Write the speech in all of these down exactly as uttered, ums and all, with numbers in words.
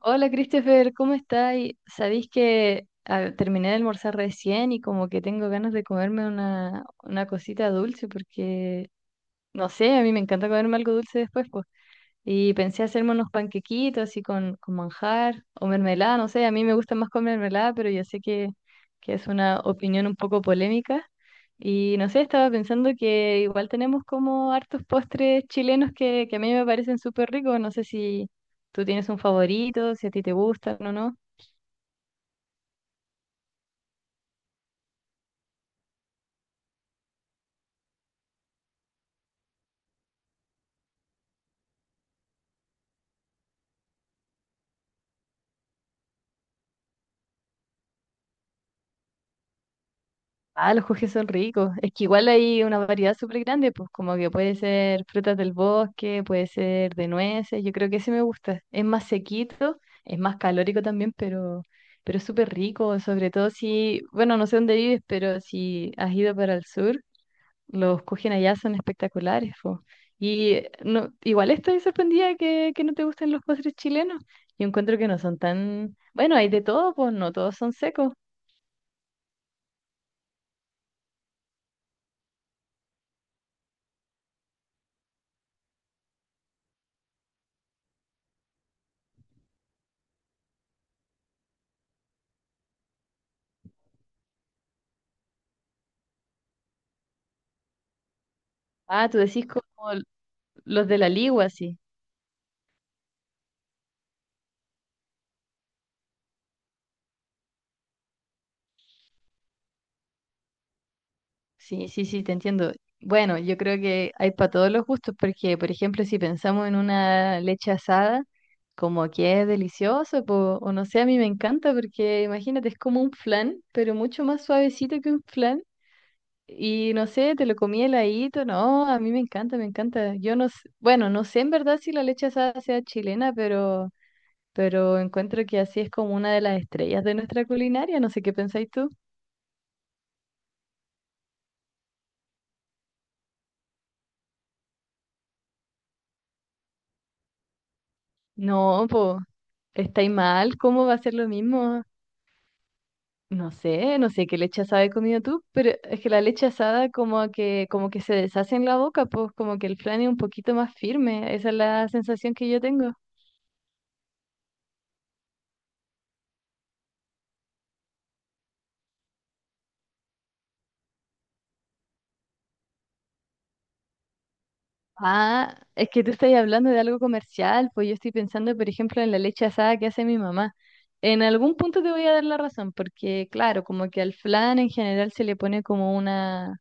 Hola Christopher, ¿cómo estáis? Sabéis que ah, terminé de almorzar recién y como que tengo ganas de comerme una, una cosita dulce porque, no sé, a mí me encanta comerme algo dulce después, pues. Y pensé hacerme unos panquequitos así con, con manjar o mermelada, no sé, a mí me gusta más con mermelada, pero yo sé que, que es una opinión un poco polémica. Y no sé, estaba pensando que igual tenemos como hartos postres chilenos que, que a mí me parecen súper ricos. No sé si tú tienes un favorito, si a ti te gustan o no. Ah, los jugés son ricos. Es que igual hay una variedad súper grande, pues como que puede ser frutas del bosque, puede ser de nueces. Yo creo que ese me gusta. Es más sequito, es más calórico también, pero, pero es súper rico. Sobre todo si, bueno, no sé dónde vives, pero si has ido para el sur, los kujen allá son espectaculares, po. Y eh, no, igual estoy sorprendida que, que no te gusten los postres chilenos. Yo encuentro que no son tan, bueno, hay de todo, pues no todos son secos. Ah, tú decís como los de la Ligua, sí. Sí, sí, sí, te entiendo. Bueno, yo creo que hay para todos los gustos, porque, por ejemplo, si pensamos en una leche asada, como que es delicioso, po, o no sé, a mí me encanta, porque imagínate, es como un flan, pero mucho más suavecito que un flan. Y no sé, te lo comí heladito, no, a mí me encanta, me encanta. Yo no sé, bueno, no sé en verdad si la leche asada sea chilena, pero, pero encuentro que así es como una de las estrellas de nuestra culinaria, no sé qué pensáis tú. No, pues, estáis mal, ¿cómo va a ser lo mismo? No sé, no sé qué leche asada he comido tú, pero es que la leche asada como que, como que se deshace en la boca, pues como que el flan es un poquito más firme, esa es la sensación que yo tengo. Ah, es que tú estás hablando de algo comercial, pues yo estoy pensando, por ejemplo, en la leche asada que hace mi mamá. En algún punto te voy a dar la razón, porque claro, como que al flan en general se le pone como una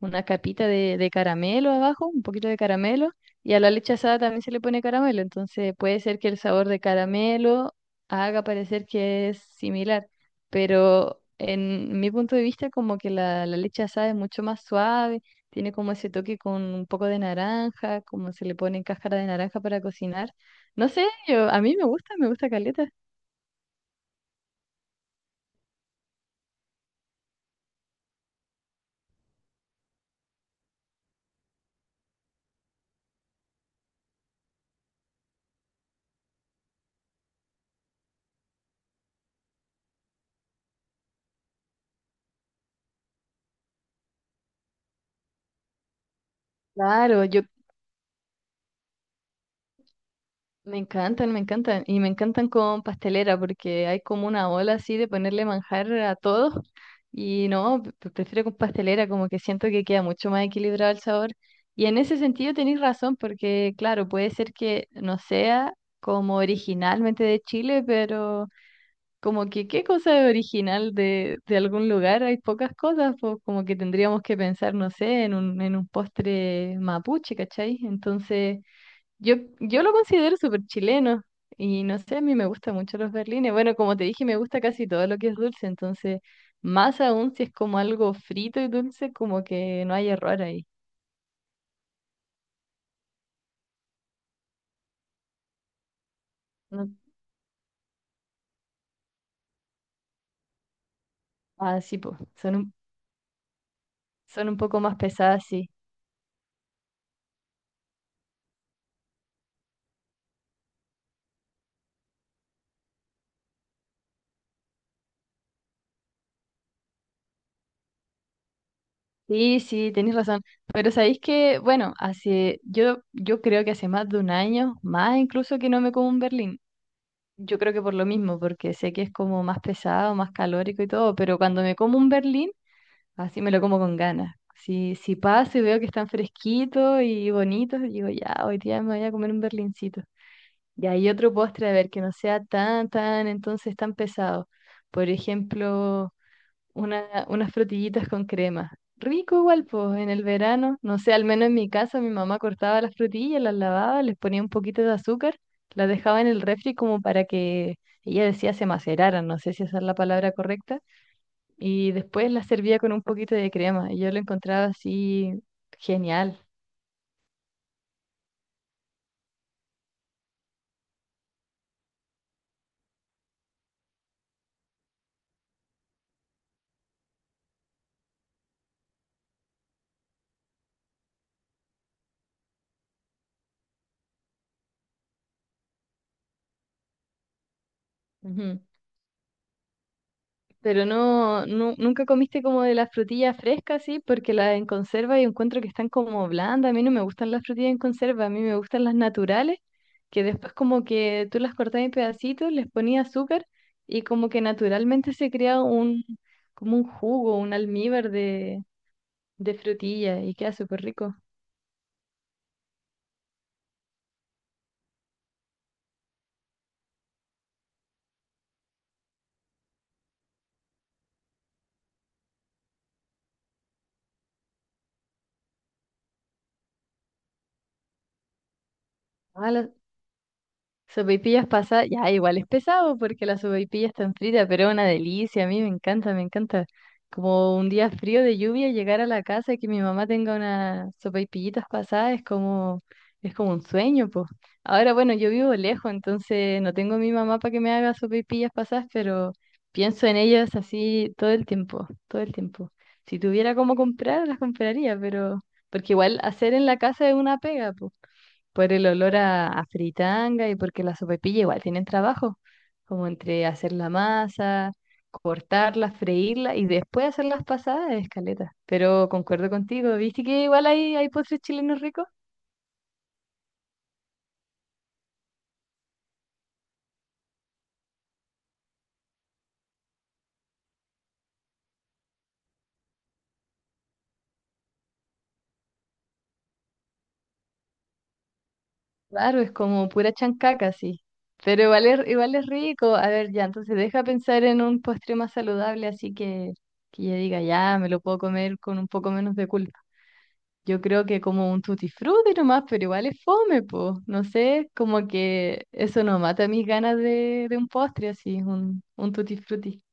una capita de, de caramelo abajo, un poquito de caramelo, y a la leche asada también se le pone caramelo, entonces puede ser que el sabor de caramelo haga parecer que es similar, pero en mi punto de vista como que la, la leche asada es mucho más suave, tiene como ese toque con un poco de naranja, como se le pone en cáscara de naranja para cocinar. No sé, yo, a mí me gusta, me gusta caleta. Claro, yo me encantan, me encantan. Y me encantan con pastelera porque hay como una ola así de ponerle manjar a todo. Y no, pre- pre- prefiero con pastelera, como que siento que queda mucho más equilibrado el sabor. Y en ese sentido tenéis razón porque, claro, puede ser que no sea como originalmente de Chile, pero como que qué cosa es original de, de algún lugar, hay pocas cosas, pues como que tendríamos que pensar, no sé, en un, en un postre mapuche, ¿cachai? Entonces... Yo, yo lo considero súper chileno y no sé, a mí me gustan mucho los berlines. Bueno, como te dije, me gusta casi todo lo que es dulce, entonces, más aún si es como algo frito y dulce, como que no hay error ahí. No- Ah, sí, pues, son un, son un poco más pesadas, sí. Sí, sí, tenéis razón. Pero sabéis que, bueno, hace, yo, yo creo que hace más de un año, más incluso que no me como un berlín. Yo creo que por lo mismo, porque sé que es como más pesado, más calórico y todo, pero cuando me como un berlín, así me lo como con ganas. Si, si paso y veo que están fresquitos y bonitos, digo, ya, hoy día me voy a comer un berlincito. Y hay otro postre, a ver, que no sea tan, tan, entonces tan pesado. Por ejemplo, una, unas frutillitas con crema. Rico igual, pues, en el verano. No sé, al menos en mi casa mi mamá cortaba las frutillas, las lavaba, les ponía un poquito de azúcar, las dejaba en el refri como para que, ella decía, se maceraran, no sé si esa es la palabra correcta y después la servía con un poquito de crema y yo lo encontraba así genial. Ujú. Pero no, nu- nunca comiste como de las frutillas frescas, sí, porque las en conserva y encuentro que están como blandas. A mí no me gustan las frutillas en conserva, a mí me gustan las naturales, que después como que tú las cortabas en pedacitos, les ponías azúcar y como que naturalmente se crea un, como un jugo, un almíbar de, de frutilla y queda súper rico. Ah, la sopaipillas pasa, ya igual es pesado porque la sopaipilla está frita, pero es una delicia, a mí me encanta, me encanta. Como un día frío de lluvia llegar a la casa y que mi mamá tenga unas sopaipillitas pasadas es como es como un sueño, pues. Ahora bueno, yo vivo lejos, entonces no tengo a mi mamá para que me haga sopaipillas pasadas, pero pienso en ellas así todo el tiempo, todo el tiempo. Si tuviera cómo comprar, las compraría, pero porque igual hacer en la casa es una pega, pues por el olor a, a fritanga y porque la sopaipilla igual tienen trabajo, como entre hacer la masa, cortarla, freírla y después hacer las pasadas de caleta. Pero concuerdo contigo, ¿viste que igual hay, hay postres chilenos ricos? Claro, es como pura chancaca, sí. Pero igual es, igual es rico. A ver, ya, entonces deja pensar en un postre más saludable, así que que ya diga, ya, me lo puedo comer con un poco menos de culpa. Yo creo que como un tutti frutti nomás, pero igual es fome, po. No sé, como que eso no mata mis ganas de, de un postre así, un, un tutti frutti.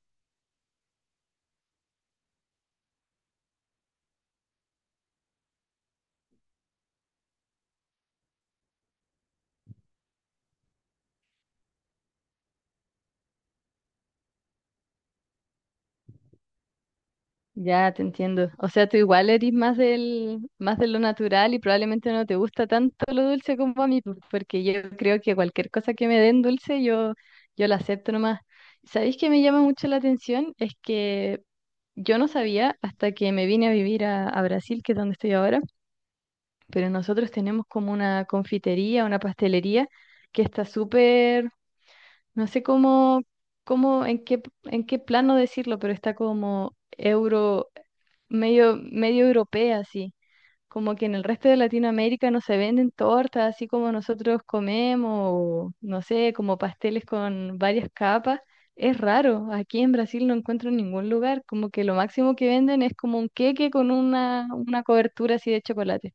Ya te entiendo. O sea, tú igual eres más del, más de lo natural y probablemente no te gusta tanto lo dulce como a mí, po, porque yo creo que cualquier cosa que me den dulce, yo, yo la acepto nomás. ¿Sabéis que me llama mucho la atención? Es que yo no sabía hasta que me vine a vivir a, a Brasil, que es donde estoy ahora, pero nosotros tenemos como una confitería, una pastelería que está súper, no sé cómo, cómo, en qué, en qué plano decirlo, pero está como euro, medio, medio europea, así. Como que en el resto de Latinoamérica no se venden tortas así como nosotros comemos, o no sé, como pasteles con varias capas. Es raro, aquí en Brasil no encuentro en ningún lugar, como que lo máximo que venden es como un queque con una, una cobertura así de chocolate.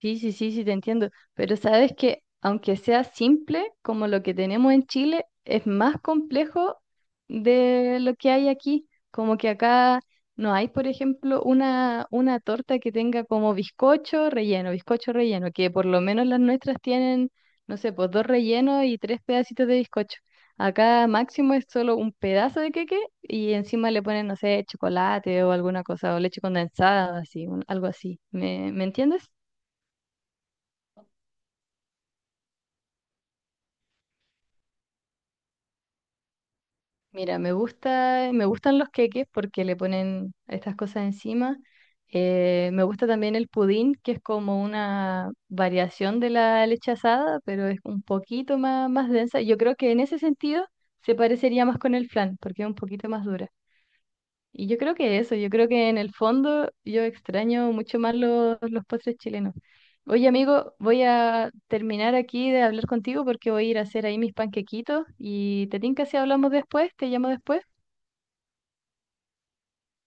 Sí, sí, sí, sí, te entiendo. Pero sabes que aunque sea simple, como lo que tenemos en Chile, es más complejo de lo que hay aquí. Como que acá no hay, por ejemplo, una, una torta que tenga como bizcocho relleno, bizcocho relleno, que por lo menos las nuestras tienen, no sé, pues dos rellenos y tres pedacitos de bizcocho. Acá máximo es solo un pedazo de queque y encima le ponen, no sé, chocolate o alguna cosa, o leche condensada, así, un- algo así. ¿Me, me entiendes? Mira, me gusta, eh, me gustan los queques porque le ponen estas cosas encima. Eh, me gusta también el pudín, que es como una variación de la leche asada, pero es un poquito más, más densa. Yo creo que en ese sentido se parecería más con el flan, porque es un poquito más dura. Y yo creo que eso, yo creo que en el fondo yo extraño mucho más los, los postres chilenos. Oye, amigo, voy a terminar aquí de hablar contigo porque voy a ir a hacer ahí mis panquequitos y te tinca si hablamos después, te llamo después.